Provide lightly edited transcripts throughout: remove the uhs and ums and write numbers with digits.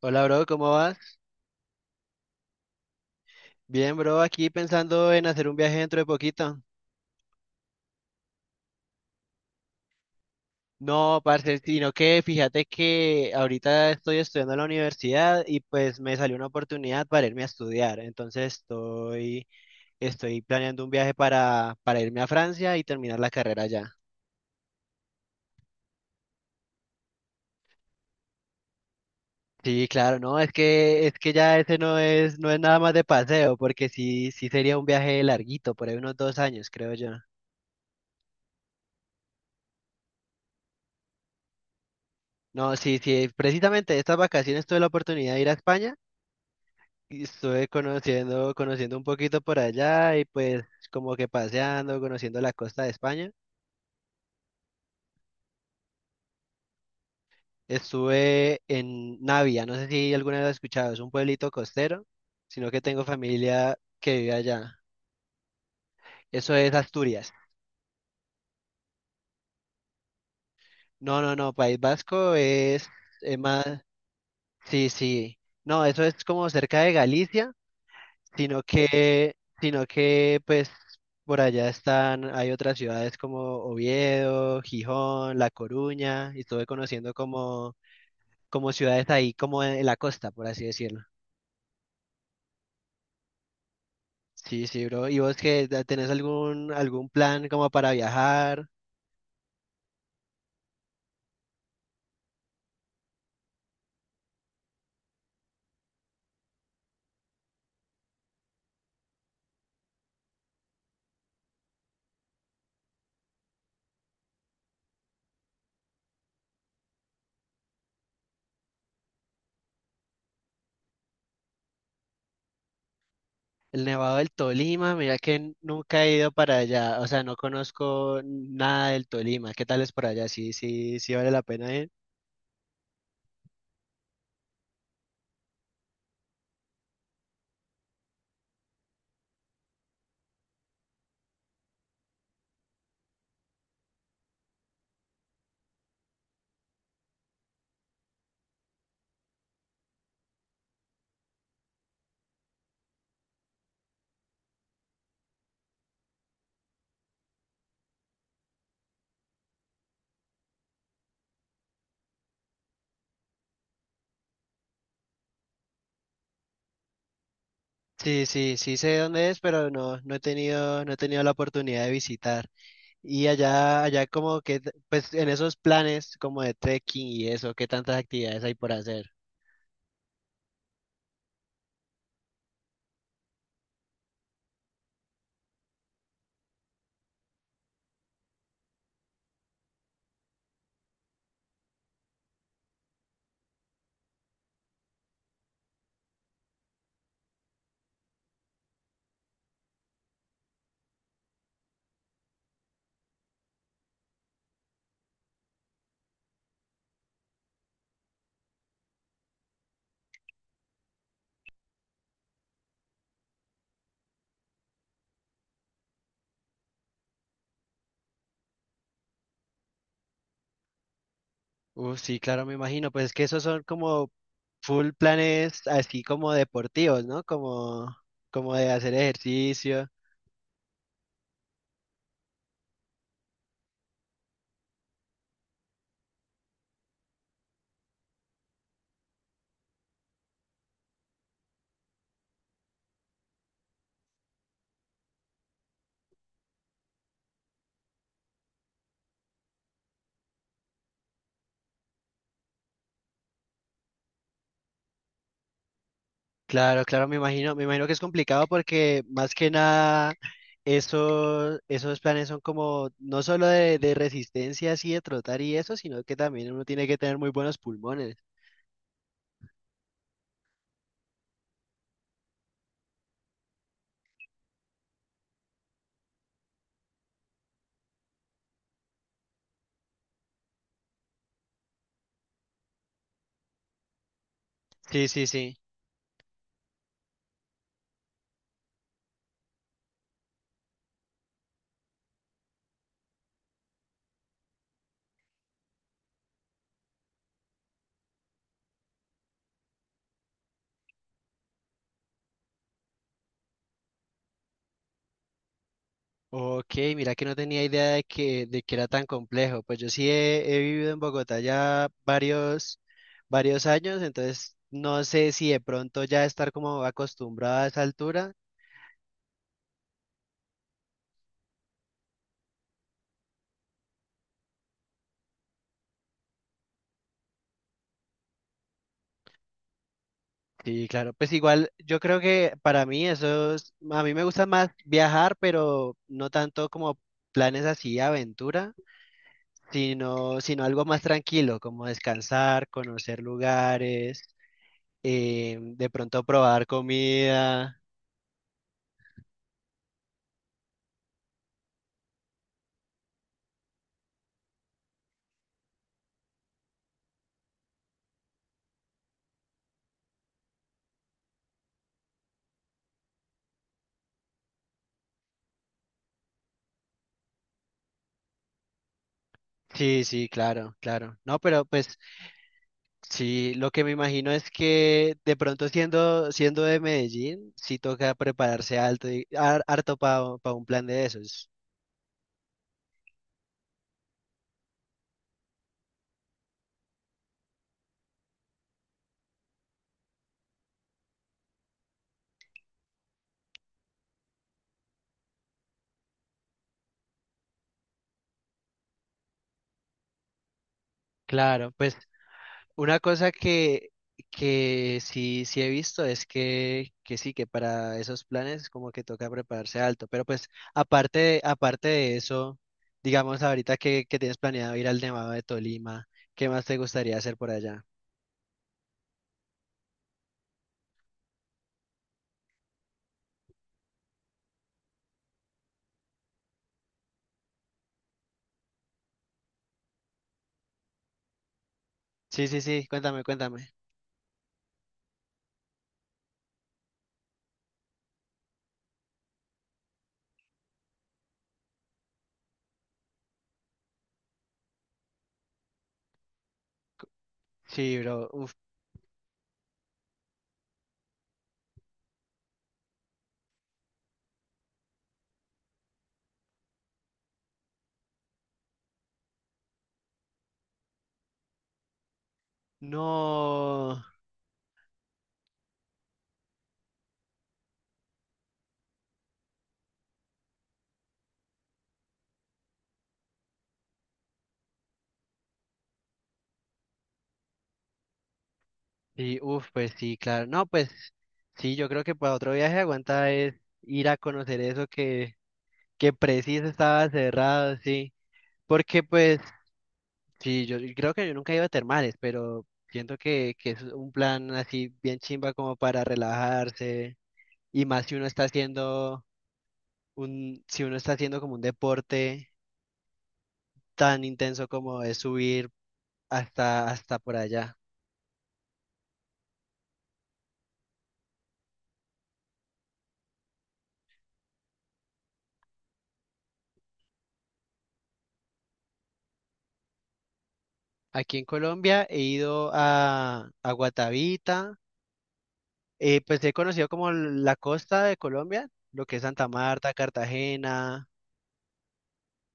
Hola, bro, ¿cómo vas? Bien, bro, aquí pensando en hacer un viaje dentro de poquito. No, parce, sino que fíjate que ahorita estoy estudiando en la universidad y pues me salió una oportunidad para irme a estudiar. Entonces estoy planeando un viaje para irme a Francia y terminar la carrera allá. Sí, claro, no, es que ya ese no es nada más de paseo, porque sí, sí sería un viaje larguito, por ahí unos dos años, creo yo. No, sí, sí, precisamente estas vacaciones tuve la oportunidad de ir a España. Y estuve conociendo un poquito por allá y pues como que paseando, conociendo la costa de España. Estuve en Navia, no sé si alguna vez lo has escuchado, es un pueblito costero, sino que tengo familia que vive allá. Eso es Asturias. No, no, no, País Vasco es más, sí, sí. No, eso es como cerca de Galicia. sino que, sino que pues por allá están, hay otras ciudades como Oviedo, Gijón, La Coruña, y estuve conociendo como, como ciudades ahí como en, la costa, por así decirlo. Sí, sí, bro. ¿Y vos que tenés algún, algún plan como para viajar? El Nevado del Tolima, mira que nunca he ido para allá, o sea, no conozco nada del Tolima. ¿Qué tal es por allá? Sí, sí, sí vale la pena ir. Sí, sí, sí sé dónde es, pero no, no he tenido la oportunidad de visitar. Y allá como que, pues en esos planes como de trekking y eso, ¿qué tantas actividades hay por hacer? Sí, claro, me imagino, pues es que esos son como full planes así como deportivos, ¿no? Como, como de hacer ejercicio. Claro, claro, me imagino que es complicado porque más que nada esos planes son como no solo de resistencia así de trotar y eso, sino que también uno tiene que tener muy buenos pulmones. Sí, sí, sí. Ok, mira que no tenía idea de que era tan complejo. Pues yo sí he vivido en Bogotá ya varios años, entonces no sé si de pronto ya estar como acostumbrado a esa altura. Sí, claro, pues igual yo creo que para mí eso es, a mí me gusta más viajar, pero no tanto como planes así, aventura, sino algo más tranquilo, como descansar, conocer lugares, de pronto probar comida. Sí, sí, claro, claro. No, pero pues sí, lo que me imagino es que de pronto siendo de Medellín, sí toca prepararse harto para un plan de esos. Claro, pues una cosa que sí, sí he visto es que sí, que para esos planes como que toca prepararse alto. Pero pues aparte de eso, digamos ahorita que tienes planeado ir al Nevado de Tolima, ¿qué más te gustaría hacer por allá? Sí, sí, sí, cuéntame, cuéntame. Sí, bro, uf, no, sí, uf, pues sí, claro, no, pues sí, yo creo que para otro viaje aguanta es ir a conocer eso que preciso estaba cerrado, sí, porque pues sí, yo creo que yo nunca he ido a termales, pero siento que es un plan así bien chimba como para relajarse, y más si uno está haciendo si uno está haciendo como un deporte tan intenso como es subir hasta por allá. Aquí en Colombia he ido a Guatavita, pues he conocido como la costa de Colombia, lo que es Santa Marta, Cartagena,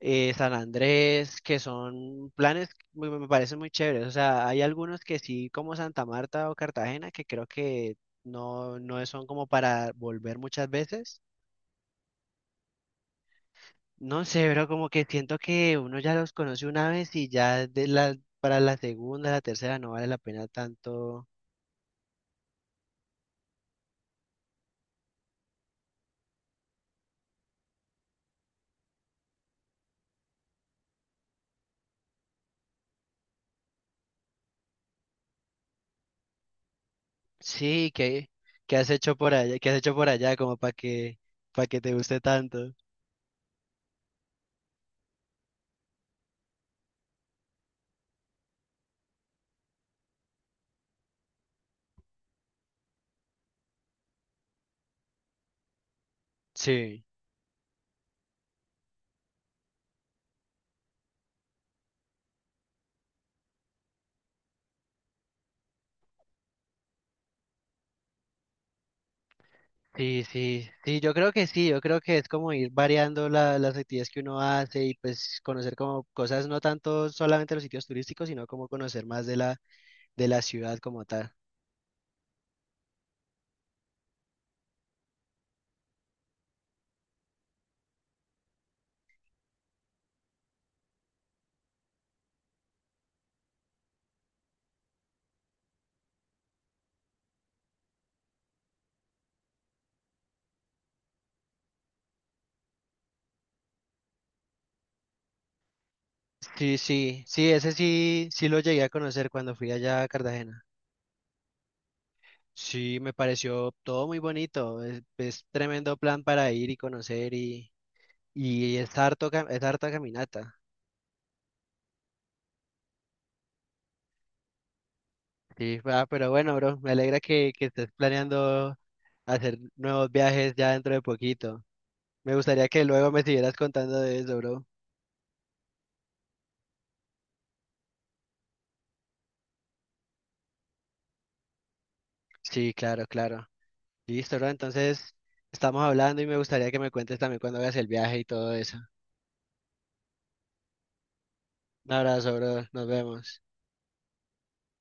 San Andrés, que son planes muy- me parecen muy chéveres. O sea, hay algunos que sí, como Santa Marta o Cartagena, que creo que no, no son como para volver muchas veces. No sé, pero como que siento que uno ya los conoce una vez y ya de la, para la segunda, la tercera no vale la pena tanto. Sí, ¿qué, qué has hecho por allá? ¿Qué has hecho por allá como para que te guste tanto? Sí, sí, sí, sí, yo creo que sí, yo creo que es como ir variando la- las actividades que uno hace y pues conocer como cosas, no tanto solamente los sitios turísticos, sino como conocer más de la ciudad como tal. Sí, sí, sí, ese sí, sí lo llegué a conocer cuando fui allá a Cartagena. Sí, me pareció todo muy bonito, es tremendo plan para ir y conocer y es harto, es harta caminata. Sí, ah, pero bueno, bro, me alegra que estés planeando hacer nuevos viajes ya dentro de poquito. Me gustaría que luego me siguieras contando de eso, bro. Sí, claro, claro. Listo, bro, entonces estamos hablando y me gustaría que me cuentes también cuando hagas el viaje y todo eso. Un abrazo, bro, nos vemos.